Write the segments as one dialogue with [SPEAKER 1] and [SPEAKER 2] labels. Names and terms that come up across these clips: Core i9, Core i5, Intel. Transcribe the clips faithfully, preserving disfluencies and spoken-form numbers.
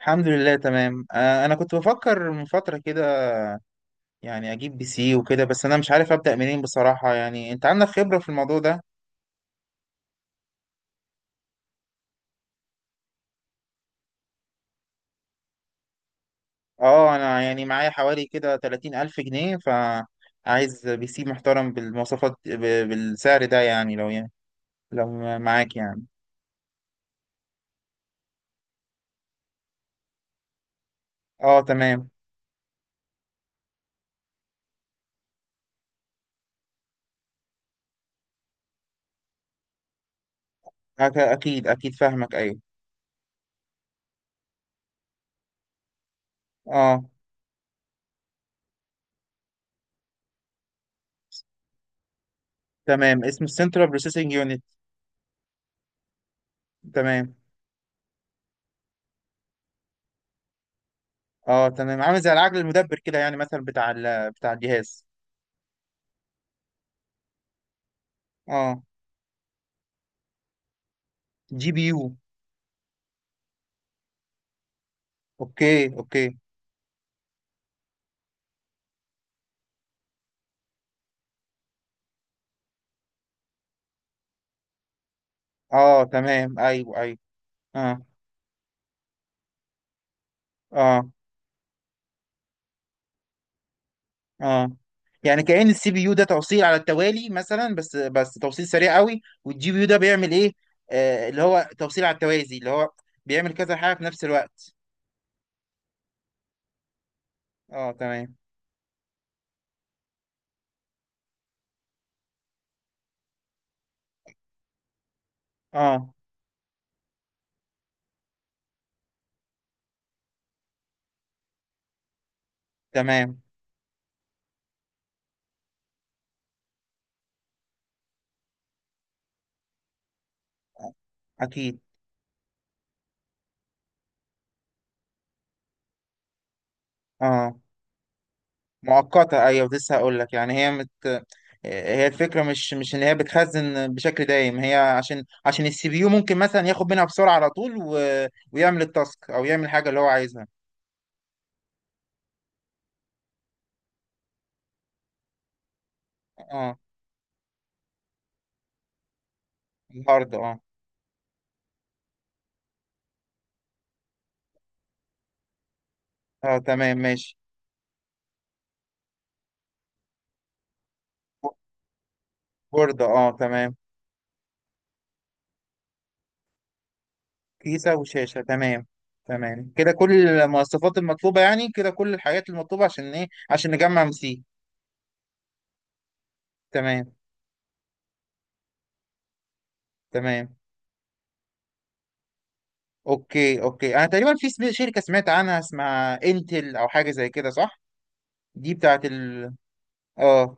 [SPEAKER 1] الحمد لله، تمام. آه، انا كنت بفكر من فترة كده، يعني اجيب بي سي وكده. بس انا مش عارف ابدأ منين بصراحة. يعني انت عندك خبرة في الموضوع ده. اه، انا يعني معايا حوالي كده تلاتين ألف جنيه الف جنيه، فعايز بي سي محترم بالمواصفات ب- بالسعر ده. يعني لو يعني لو معاك يعني. اه، تمام. أك- اكيد اكيد، فاهمك، ايوه. اه، تمام. اسمه السنترال بروسيسنج يونت. تمام. اه، تمام، عامل زي العقل المدبر كده، يعني مثلا بتاع ال- بتاع الجهاز. اه، جي بي يو. اوكي، اوكي. اه، تمام. ايوه، ايوه. اه. اه. اه يعني كأن السي بي يو ده توصيل على التوالي مثلا، بس بس توصيل سريع قوي. والجي بي يو ده بيعمل ايه؟ آه، اللي هو توصيل على التوازي، اللي هو بيعمل كذا حاجة في نفس الوقت. اه، تمام. اه. تمام. اكيد. اه. مؤقتة، ايوه. لسه هقول لك يعني، هي مت... آه، هي الفكرة مش مش ان هي بتخزن بشكل دايم، هي عشان عشان السي بي يو ممكن مثلا ياخد منها بسرعة على طول و... ويعمل التاسك، او يعمل حاجة اللي هو عايزها. اه، الهارد. اه، اه تمام، ماشي. بورد، اه، تمام. كيسة وشاشة، تمام. تمام كده، كل المواصفات المطلوبة، يعني كده كل الحاجات المطلوبة، عشان ايه، عشان نجمع مسي. تمام تمام. اوكي، اوكي. انا تقريبا في سم- شركة سمعت عنها اسمها انتل، او حاجة زي كده، صح؟ دي بتاعت ال... اه.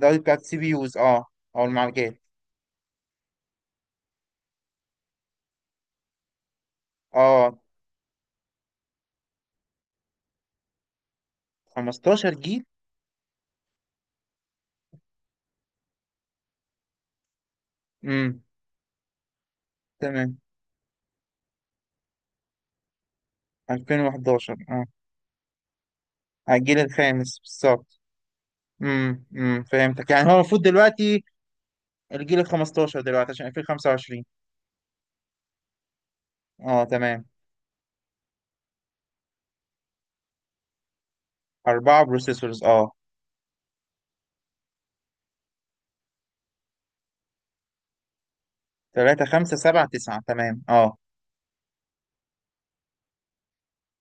[SPEAKER 1] ده دي بتاعت السي بي يوز، اه، او المعالجات. اه. 15 جيل. امم. تمام. ألفين وحداشر، اه. على الجيل الخامس بالظبط. امم، امم، فهمتك. يعني هو المفروض دلوقتي الجيل ال الخمستاشر دلوقتي، عشان ألفين وخمسة وعشرين. اه، تمام. أربعة بروسيسورز، اه. تلاتة، خمسة، سبعة، تسعة، تمام، اه.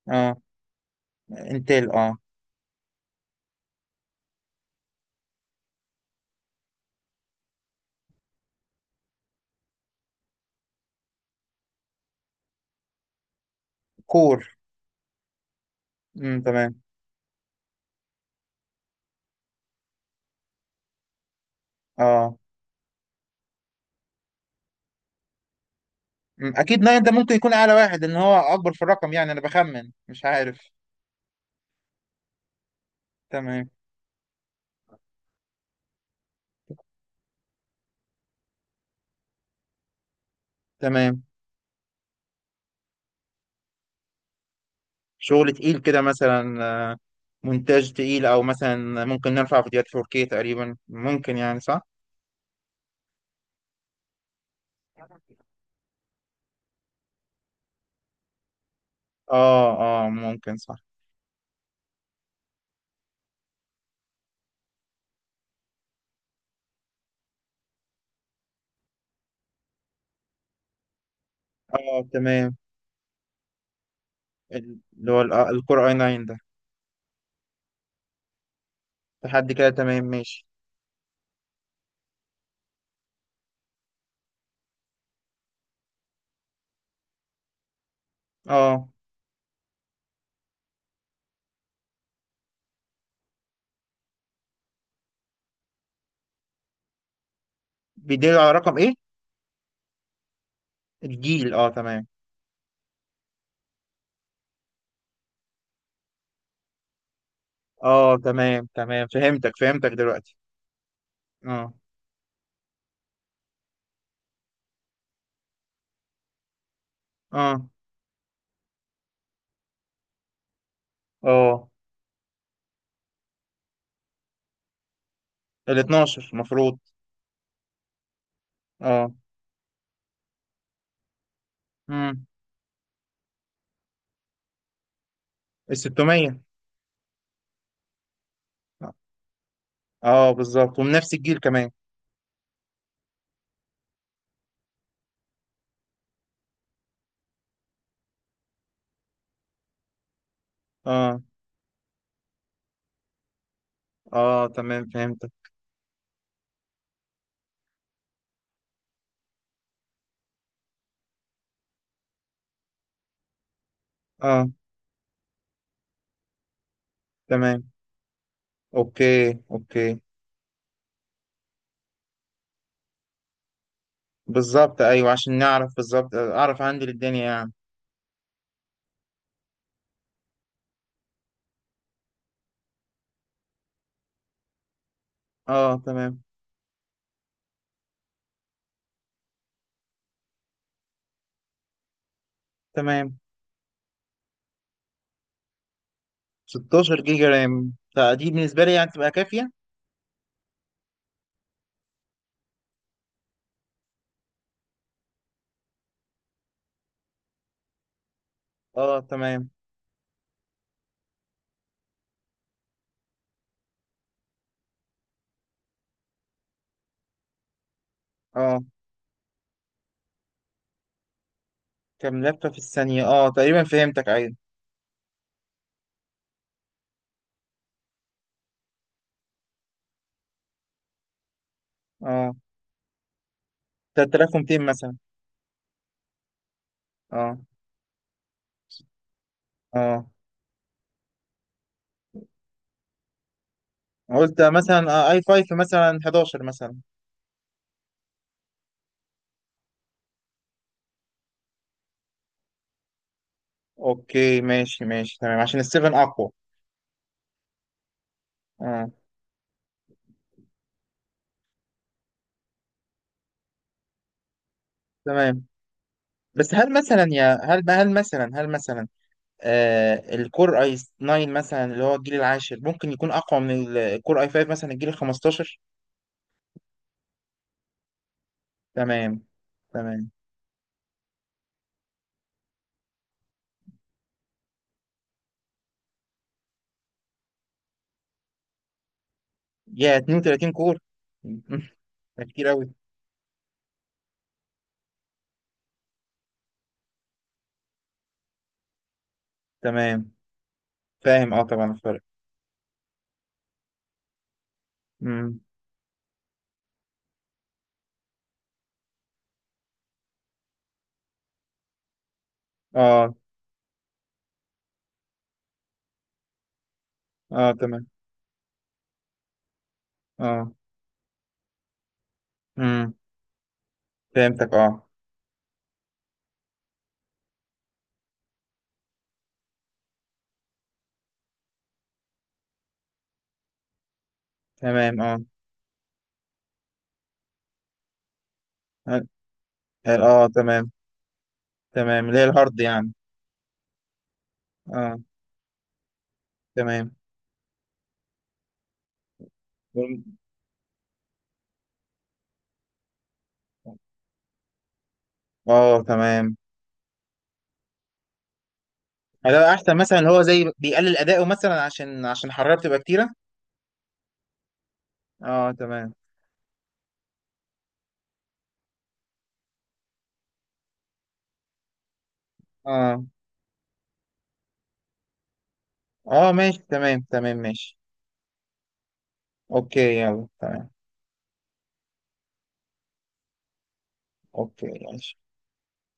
[SPEAKER 1] اه. انتل، اه. كور. امم، تمام. اه. أمم، أكيد ناين ده ممكن يكون أعلى واحد، إن هو أكبر في الرقم، يعني أنا بخمن، مش عارف. تمام. تمام شغل تقيل كده مثلا. آه، مونتاج تقيل، أو مثلا ممكن نرفع فيديوهات فور كي تقريبا، ممكن يعني، صح؟ اه، اه، ممكن، صح. اه، تمام، اللي هو الكور اي تسعة ده. لحد كده تمام، ماشي. اه. بيدل على رقم ايه؟ الجيل، اه، تمام. اه، تمام، تمام، فهمتك، فهمتك دلوقتي. اه. اه. اه. ال اتناشر المفروض. اه. امم. ال ستمائة. اه، بالظبط، ومن نفس الجيل كمان. اه. اه، تمام، فهمتك. اه، تمام. اوكي، اوكي. بالظبط، ايوه، عشان نعرف بالظبط، اعرف عندي للدنيا يعني. اه. تمام. تمام. ستاشر جيجا رام ده دي بالنسبه لي يعني تبقى كافيه. اه. تمام، اه. كم لفة في الثانية، اه، تقريبا فهمتك، ايوه. اه. تلاتة وتلاتين ميه مثلا. اه. اه، قلت مثلا آه اي فايف مثلا، حداشر مثلا. اوكي، ماشي، ماشي، تمام، عشان السيفن اقوى. اه. تمام. بس هل مثلا، يا هل هل مثلا هل مثلا آه الكور اي ناين مثلا، اللي هو الجيل العاشر، ممكن يكون اقوى من الكور اي فايف مثلا الجيل ال الخمستاشر؟ تمام. تمام. يا 32 كور! ده كتير قوي. تمام. فاهم، اه، طبعا الفرق. امم. اه. اه، تمام. اه. امم. فهمتك، اه. تمام، اه. اه. آه، تمام. تمام، اللي هي الهارد يعني. اه. تمام. والم- اه، تمام. هذا احسن، مثلا اللي هو زي بيقلل اداؤه مثلا، عشان عشان الحراره بتبقى كتيره. اه، تمام. اه. اه، ماشي، تمام، تمام، ماشي. اوكي، يلا، تمام. اوكي، ماشي.